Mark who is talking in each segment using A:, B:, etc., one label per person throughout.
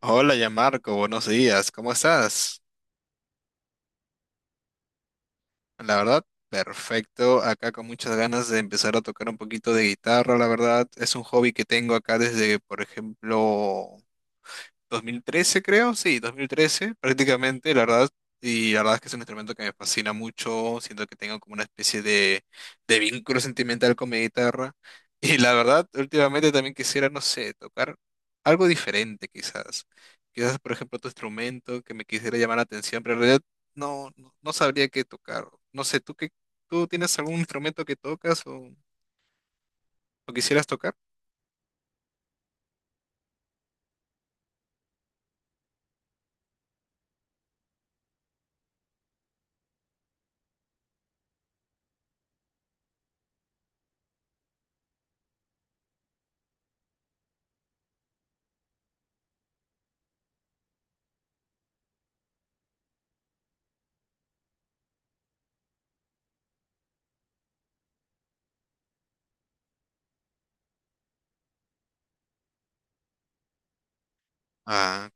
A: Hola, ya Marco, buenos días, ¿cómo estás? La verdad, perfecto, acá con muchas ganas de empezar a tocar un poquito de guitarra, la verdad, es un hobby que tengo acá desde, por ejemplo, 2013 creo, sí, 2013 prácticamente, la verdad. Y la verdad es que es un instrumento que me fascina mucho, siento que tengo como una especie de vínculo sentimental con mi guitarra. Y la verdad, últimamente también quisiera, no sé, tocar algo diferente quizás. Quizás, por ejemplo, otro instrumento que me quisiera llamar la atención, pero en realidad no, no, no sabría qué tocar. No sé, ¿tú qué, tú tienes algún instrumento que tocas o quisieras tocar? Ah,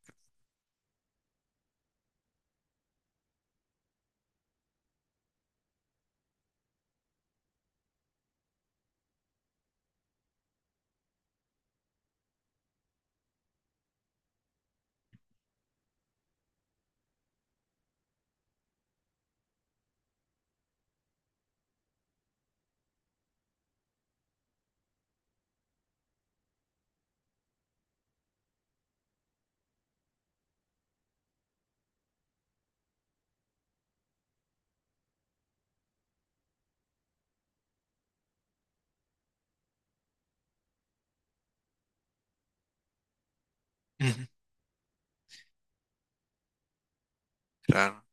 A: claro.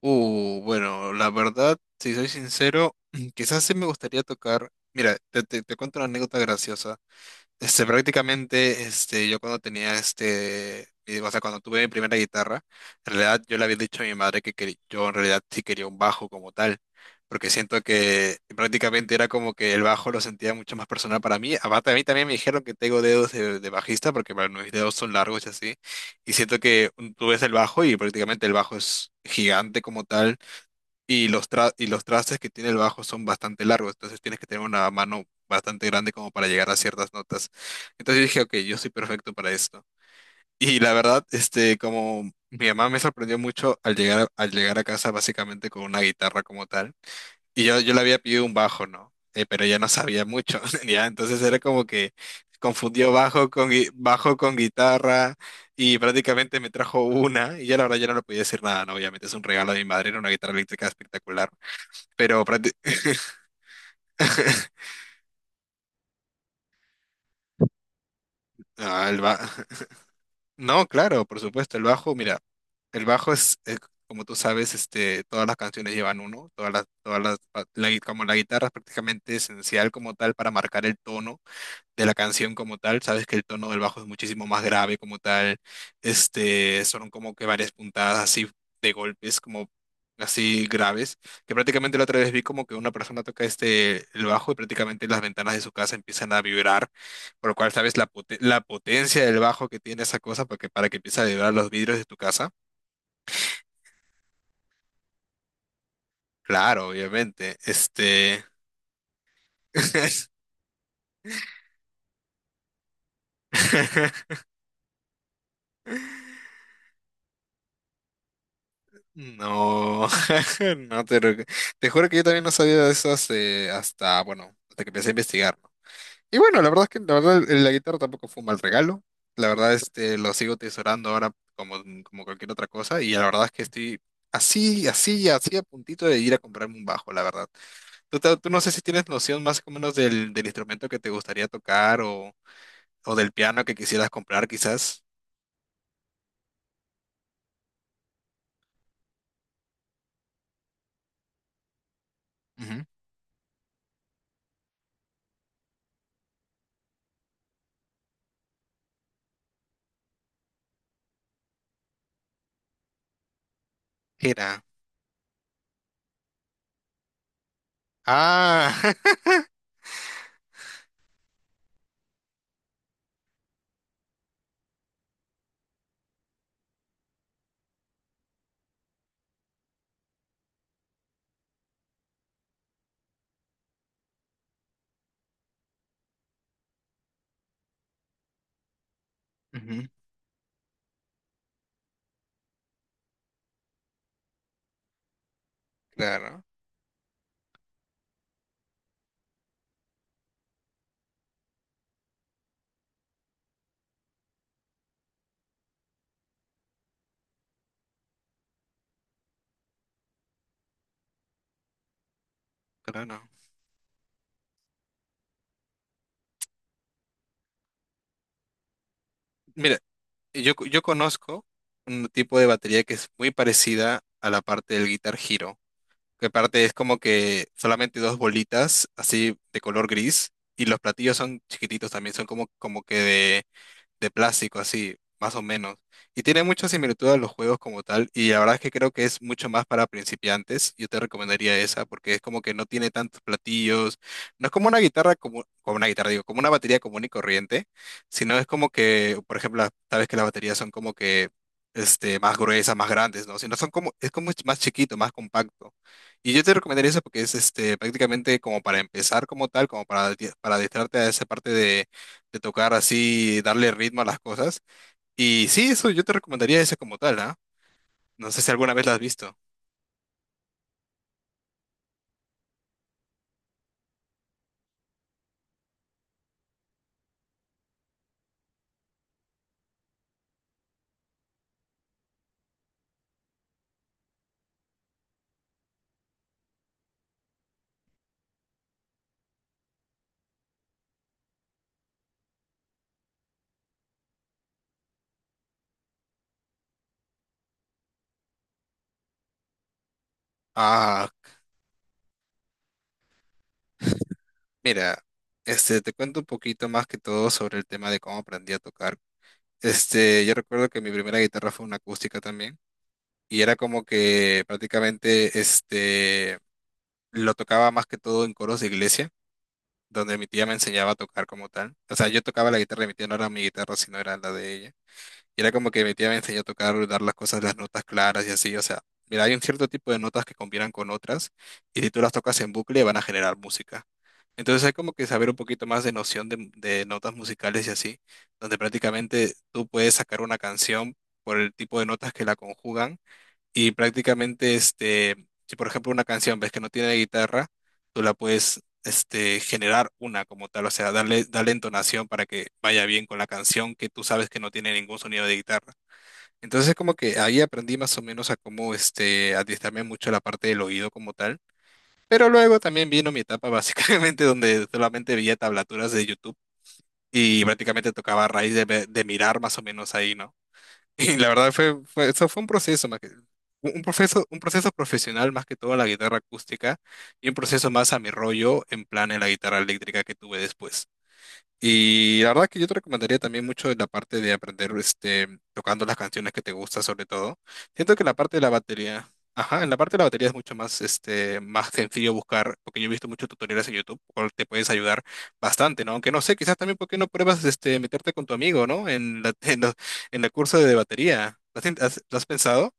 A: Bueno, la verdad, si soy sincero, quizás sí me gustaría tocar. Mira, te cuento una anécdota graciosa. Este, prácticamente, este, yo cuando tenía este, mi- o sea, cuando tuve mi primera guitarra, en realidad yo le había dicho a mi madre que, quer- yo en realidad sí quería un bajo como tal, porque siento que prácticamente era como que el bajo lo sentía mucho más personal para mí. Aparte, a mí también me dijeron que tengo dedos de bajista, porque bueno, mis dedos son largos y así, y siento que tú ves el bajo y prácticamente el bajo es gigante como tal y los, tra- y los trastes que tiene el bajo son bastante largos, entonces tienes que tener una mano bastante grande como para llegar a ciertas notas. Entonces yo dije, ok, yo soy perfecto para esto. Y la verdad, este, como mi mamá me sorprendió mucho al llegar a casa básicamente con una guitarra como tal, y yo le había pedido un bajo, ¿no? Pero ella no sabía mucho, ya, entonces era como que confundió bajo con, gui- bajo con guitarra y prácticamente me trajo una, y yo la verdad ya no le podía decir nada, ¿no? Obviamente es un regalo de mi madre, era una guitarra eléctrica espectacular. Pero prácti- Ah, el ba- No, claro, por supuesto, el bajo, mira, el bajo es, como tú sabes, este, todas las canciones llevan uno, todas las, pa- la gui- como la guitarra es prácticamente esencial como tal para marcar el tono de la canción como tal, sabes que el tono del bajo es muchísimo más grave como tal, este, son como que varias puntadas así de golpes como así graves, que prácticamente la otra vez vi como que una persona toca este, el bajo y prácticamente las ventanas de su casa empiezan a vibrar, por lo cual sabes la, pote- la potencia del bajo que tiene esa cosa para que empiece a vibrar los vidrios de tu casa. Claro, obviamente, este... No, no te, lo- te juro que yo también no sabía de eso hace- hasta, bueno, hasta que empecé a investigar. ¿No? Y bueno, la verdad es que la verdad la guitarra tampoco fue un mal regalo. La verdad este lo sigo tesorando ahora como, como cualquier otra cosa y la verdad es que estoy así, así, así a puntito de ir a comprarme un bajo, la verdad. Tú, te- tú no sé si tienes noción más o menos del, del instrumento que te gustaría tocar o del piano que quisieras comprar quizás. Ujú, era. Ah, ujú. Claro, claro. Mira. Yo conozco un tipo de batería que es muy parecida a la parte del Guitar Hero, que parte es como que solamente dos bolitas así de color gris y los platillos son chiquititos también, son como, como que de plástico, así, más o menos. Y tiene mucha similitud a los juegos como tal, y la verdad es que creo que es mucho más para principiantes. Yo te recomendaría esa, porque es como que no tiene tantos platillos, no es como una guitarra, como, como una guitarra, digo, como una batería común y corriente, sino es como que, por ejemplo, las- sabes que las baterías son como que este, más gruesas, más grandes, ¿no? Sino son como, es como más chiquito, más compacto. Y yo te recomendaría eso porque es este, prácticamente como para empezar como tal, como para, di- para adentrarte a esa parte de tocar así, darle ritmo a las cosas. Y sí, eso yo te recomendaría ese como tal, ¿ah? No sé si alguna vez la has visto. Ah, mira, este, te cuento un poquito más que todo sobre el tema de cómo aprendí a tocar. Este, yo recuerdo que mi primera guitarra fue una acústica también, y era como que prácticamente, este, lo tocaba más que todo en coros de iglesia, donde mi tía me enseñaba a tocar como tal. O sea, yo tocaba la guitarra de mi tía, no era mi guitarra, sino era la de ella. Y era como que mi tía me enseñó a tocar, dar las cosas, las notas claras y así. O sea, mira, hay un cierto tipo de notas que combinan con otras y si tú las tocas en bucle van a generar música. Entonces hay como que saber un poquito más de noción de notas musicales y así, donde prácticamente tú puedes sacar una canción por el tipo de notas que la conjugan y prácticamente, este, si por ejemplo una canción ves que no tiene guitarra, tú la puedes, este, generar una como tal, o sea, darle, darle entonación para que vaya bien con la canción que tú sabes que no tiene ningún sonido de guitarra. Entonces, como que ahí aprendí más o menos a cómo, este, adiestrarme mucho la parte del oído como tal. Pero luego también vino mi etapa básicamente donde solamente veía tablaturas de YouTube y prácticamente tocaba a raíz de, ve- de mirar más o menos ahí, ¿no? Y la verdad eso fue un proceso más que, un proceso, un proceso profesional más que todo a la guitarra acústica y un proceso más a mi rollo en plan en la guitarra eléctrica que tuve después. Y la verdad que yo te recomendaría también mucho la parte de aprender este, tocando las canciones que te gustan sobre todo. Siento que la parte de la batería, ajá, en la parte de la batería es mucho más, este, más sencillo buscar, porque yo he visto muchos tutoriales en YouTube, cual te puedes ayudar bastante, ¿no? Aunque no sé, quizás también por qué no pruebas este, meterte con tu amigo, ¿no? En la, en los- en el curso de batería. ¿Lo has, in- has- lo has pensado?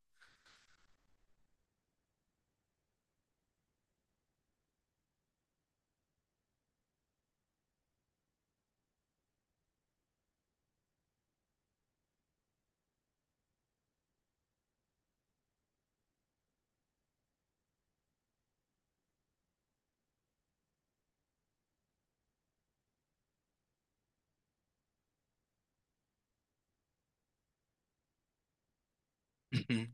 A: Ujú.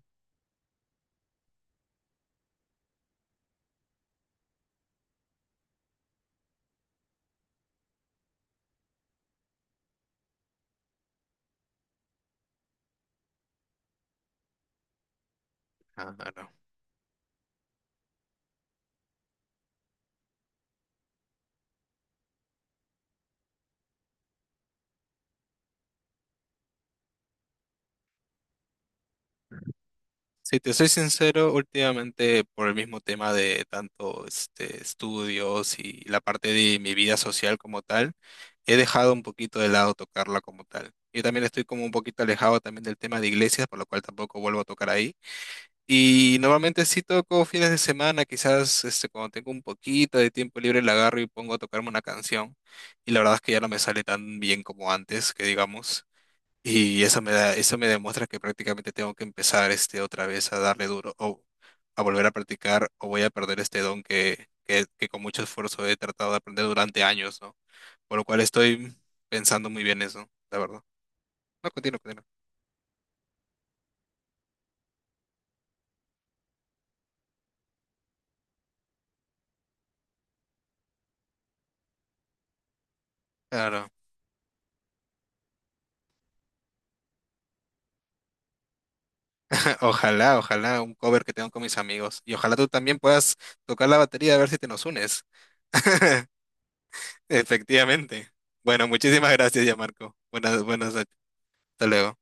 A: Ah, no. Si te soy sincero, últimamente por el mismo tema de tanto este, estudios y la parte de mi vida social como tal, he dejado un poquito de lado tocarla como tal. Yo también estoy como un poquito alejado también del tema de iglesias, por lo cual tampoco vuelvo a tocar ahí. Y normalmente sí toco fines de semana, quizás este, cuando tengo un poquito de tiempo libre la agarro y pongo a tocarme una canción. Y la verdad es que ya no me sale tan bien como antes, que digamos. Y eso me da, eso me demuestra que prácticamente tengo que empezar este otra vez a darle duro o a volver a practicar o voy a perder este don que con mucho esfuerzo he tratado de aprender durante años, ¿no? Por lo cual estoy pensando muy bien eso, la verdad. No, continúo, continúo. Claro. Ojalá, ojalá un cover que tengo con mis amigos. Y ojalá tú también puedas tocar la batería a ver si te nos unes. Efectivamente. Bueno, muchísimas gracias ya, Marco. Buenas, buenas noches. Hasta luego.